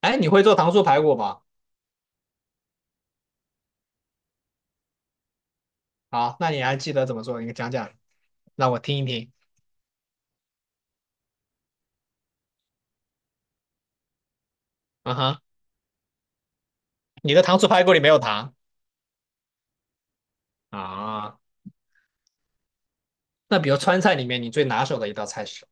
哎，你会做糖醋排骨吧？好，那你还记得怎么做？你讲讲，让我听一听。啊哈，你的糖醋排骨里没有糖啊？那比如川菜里面你最拿手的一道菜是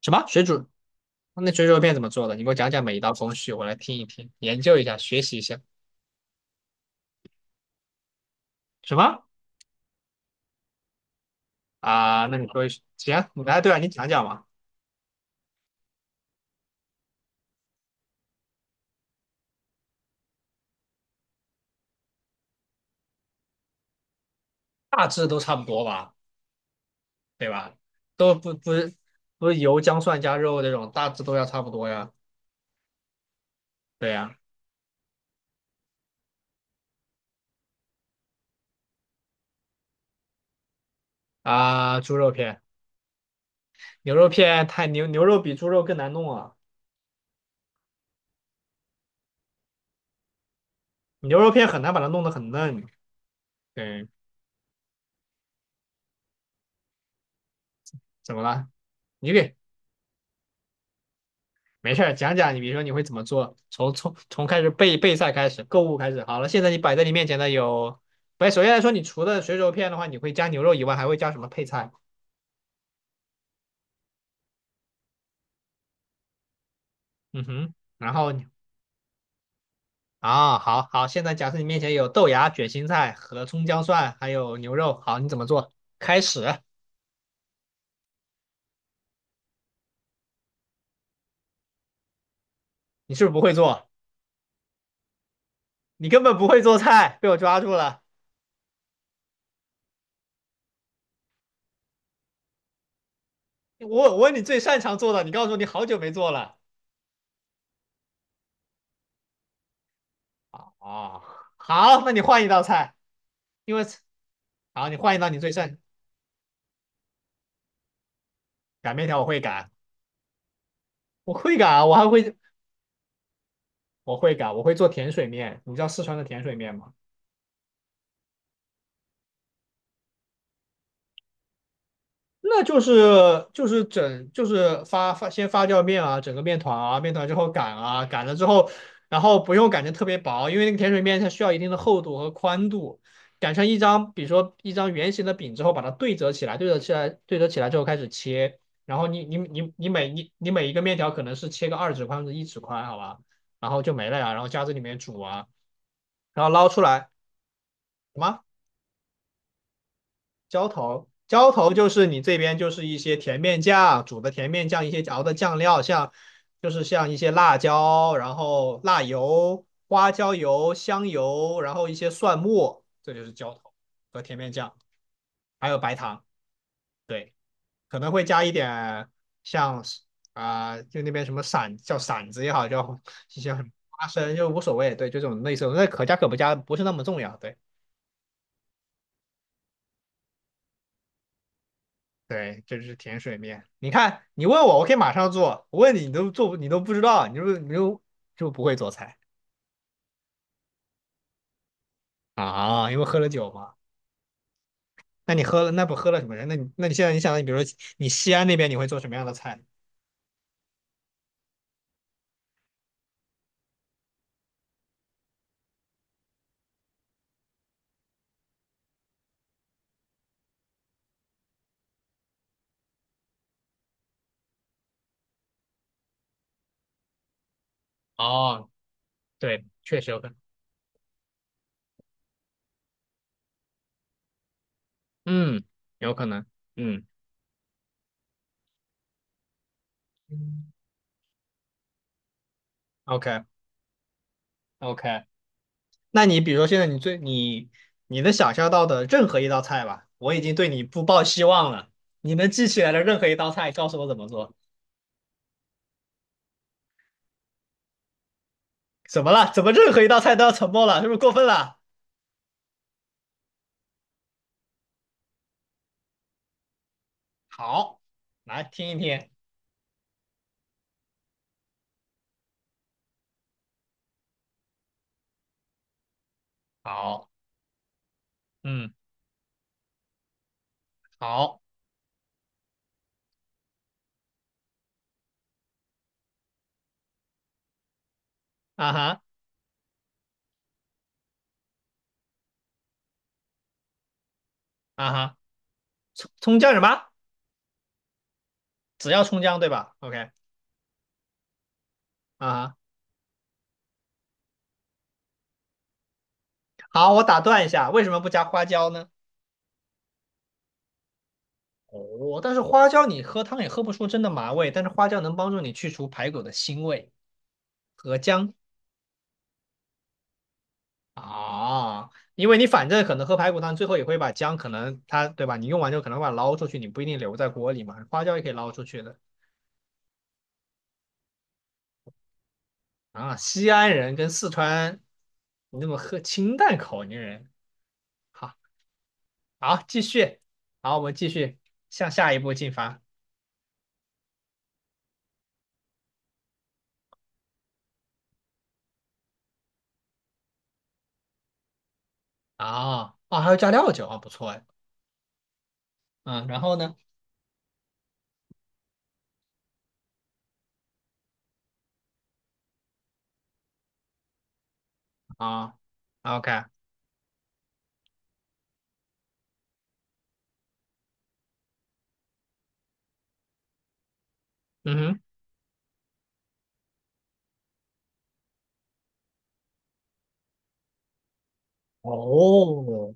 什么？水煮？那水煮肉片怎么做的？你给我讲讲每一道工序，我来听一听，研究一下，学习一下。什么啊？那你说一说行，哎，对啊，你讲讲嘛，大致都差不多吧，对吧？都不是油姜蒜加肉这种，大致都要差不多呀。对呀，啊，猪肉片。牛肉片太牛，牛肉比猪肉更难弄啊，牛肉片很难把它弄得很嫩。对，怎么了？你给没事儿讲讲，你比如说你会怎么做？从开始备菜开始，购物开始。好了，现在你摆在你面前的有，不是首先来说，你除了水煮片的话，你会加牛肉以外，还会加什么配菜？嗯哼，然后你啊，好好，现在假设你面前有豆芽、卷心菜和葱姜蒜，还有牛肉，好，你怎么做？开始，你是不是不会做？你根本不会做菜，被我抓住了。我问你最擅长做的，你告诉我你好久没做了啊。好，那你换一道菜，因为好，你换一道你最擅擀面条，我会擀，我会擀啊，我还会我会做甜水面。你知道四川的甜水面吗？那就是就是整就是发酵面啊，整个面团啊，面团之后擀啊，擀了之后，然后不用擀成特别薄，因为那个甜水面它需要一定的厚度和宽度，擀成一张，比如说一张圆形的饼之后，把它对折起来，对折起来，对折起来之后开始切，然后你每一个面条可能是切个二指宽或者一指宽，好吧，然后就没了呀，然后加这里面煮啊，然后捞出来什么？浇头，浇头就是你这边就是一些甜面酱，煮的甜面酱，一些熬的酱料，像就是像一些辣椒，然后辣油、花椒油、香油，然后一些蒜末，这就是浇头和甜面酱，还有白糖，可能会加一点像啊、就那边什么散叫馓子也好，叫 一些很花生，就无所谓，对，就这种类似那可加可不加不是那么重要，对。对，这是甜水面。你看，你问我，我可以马上做；我问你，你都做不你都不知道，你就不会做菜啊？因为喝了酒嘛。那不喝了什么人那你现在你想，你比如说你西安那边，你会做什么样的菜？哦，对，确实有可能。嗯，有可能。嗯，OK， OK。那你比如说现在你最你你能想象到的任何一道菜吧，我已经对你不抱希望了。你能记起来的任何一道菜，告诉我怎么做？怎么了？怎么任何一道菜都要沉默了？是不是过分了？好，来听一听。好，嗯，好，啊哈，啊哈，葱姜什么？只要葱姜对吧？OK，啊哈，好，我打断一下，为什么不加花椒呢？哦，但是花椒你喝汤也喝不出真的麻味，但是花椒能帮助你去除排骨的腥味和姜啊，因为你反正可能喝排骨汤最后也会把姜可能它对吧？你用完之后可能把它捞出去，你不一定留在锅里嘛，花椒也可以捞出去的。啊，西安人跟四川，你那么喝清淡口音人，好，好，继续，好，我们继续向下一步进发。啊，还要加料酒啊，不错哎。嗯，然后呢？啊，OK，嗯哼，哦，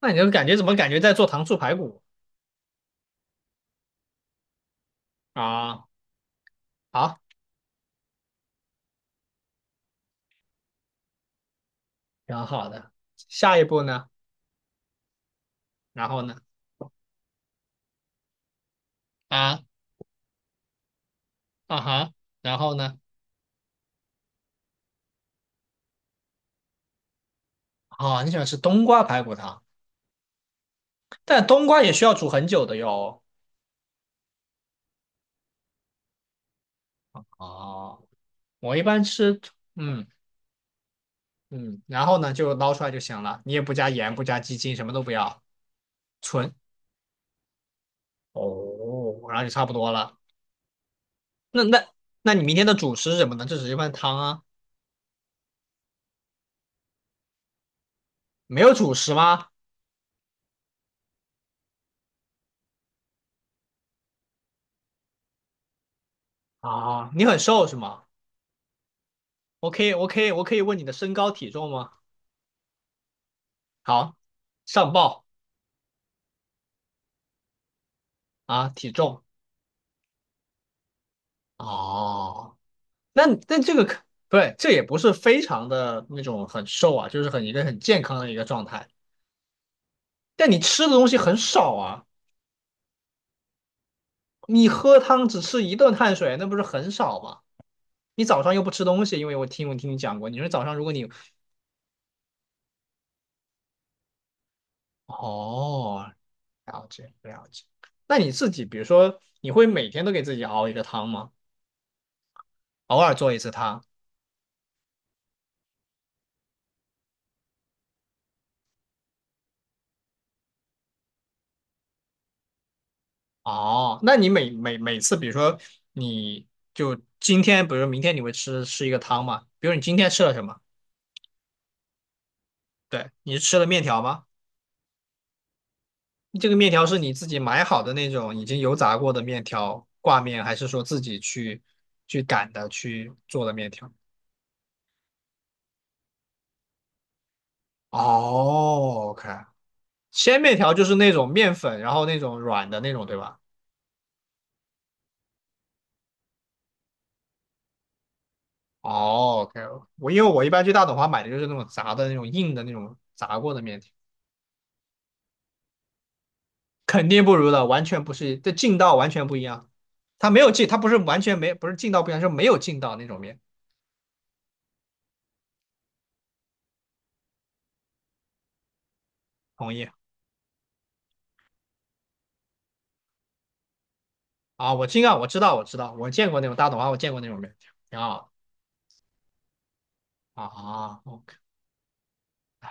那你这感觉怎么感觉在做糖醋排骨啊？好，挺好的。下一步呢？然后呢？啊，啊哈，然后呢？啊，你喜欢吃冬瓜排骨汤，但冬瓜也需要煮很久的哟。哦。我一般吃，嗯嗯，然后呢就捞出来就行了，你也不加盐，不加鸡精，什么都不要，纯哦，然后就差不多了。那那那你明天的主食是什么呢？这只是一份汤啊，没有主食吗？啊，你很瘦是吗？我可以问你的身高体重吗？好，上报啊，体重哦，那那这个可对，这也不是非常的那种很瘦啊，就是很一个很健康的一个状态，但你吃的东西很少啊。你喝汤只吃一顿碳水，那不是很少吗？你早上又不吃东西，因为我听你讲过，你说早上如果你哦，了解了解，那你自己比如说你会每天都给自己熬一个汤吗？偶尔做一次汤？哦，那你每次比如说你就今天，比如说明天你会吃一个汤吗？比如你今天吃了什么？对，你是吃了面条吗？这个面条是你自己买好的那种已经油炸过的面条挂面，还是说自己去擀的去做的面条？哦，OK，鲜面条就是那种面粉，然后那种软的那种，对吧？哦，OK，我因为我一般去大董华买的就是那种炸的那种硬的那种炸过的面条，肯定不如的，完全不是，这劲道完全不一样。它没有劲，它不是完全没，不是劲道不一样，是没有劲道那种面。同意啊，我劲量，我知道我知道，我见过那种大董华，我见过那种面条，挺好的啊，OK，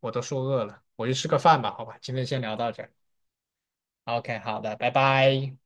我都说饿了，我去吃个饭吧，好吧，今天先聊到这儿。OK，好的，拜拜。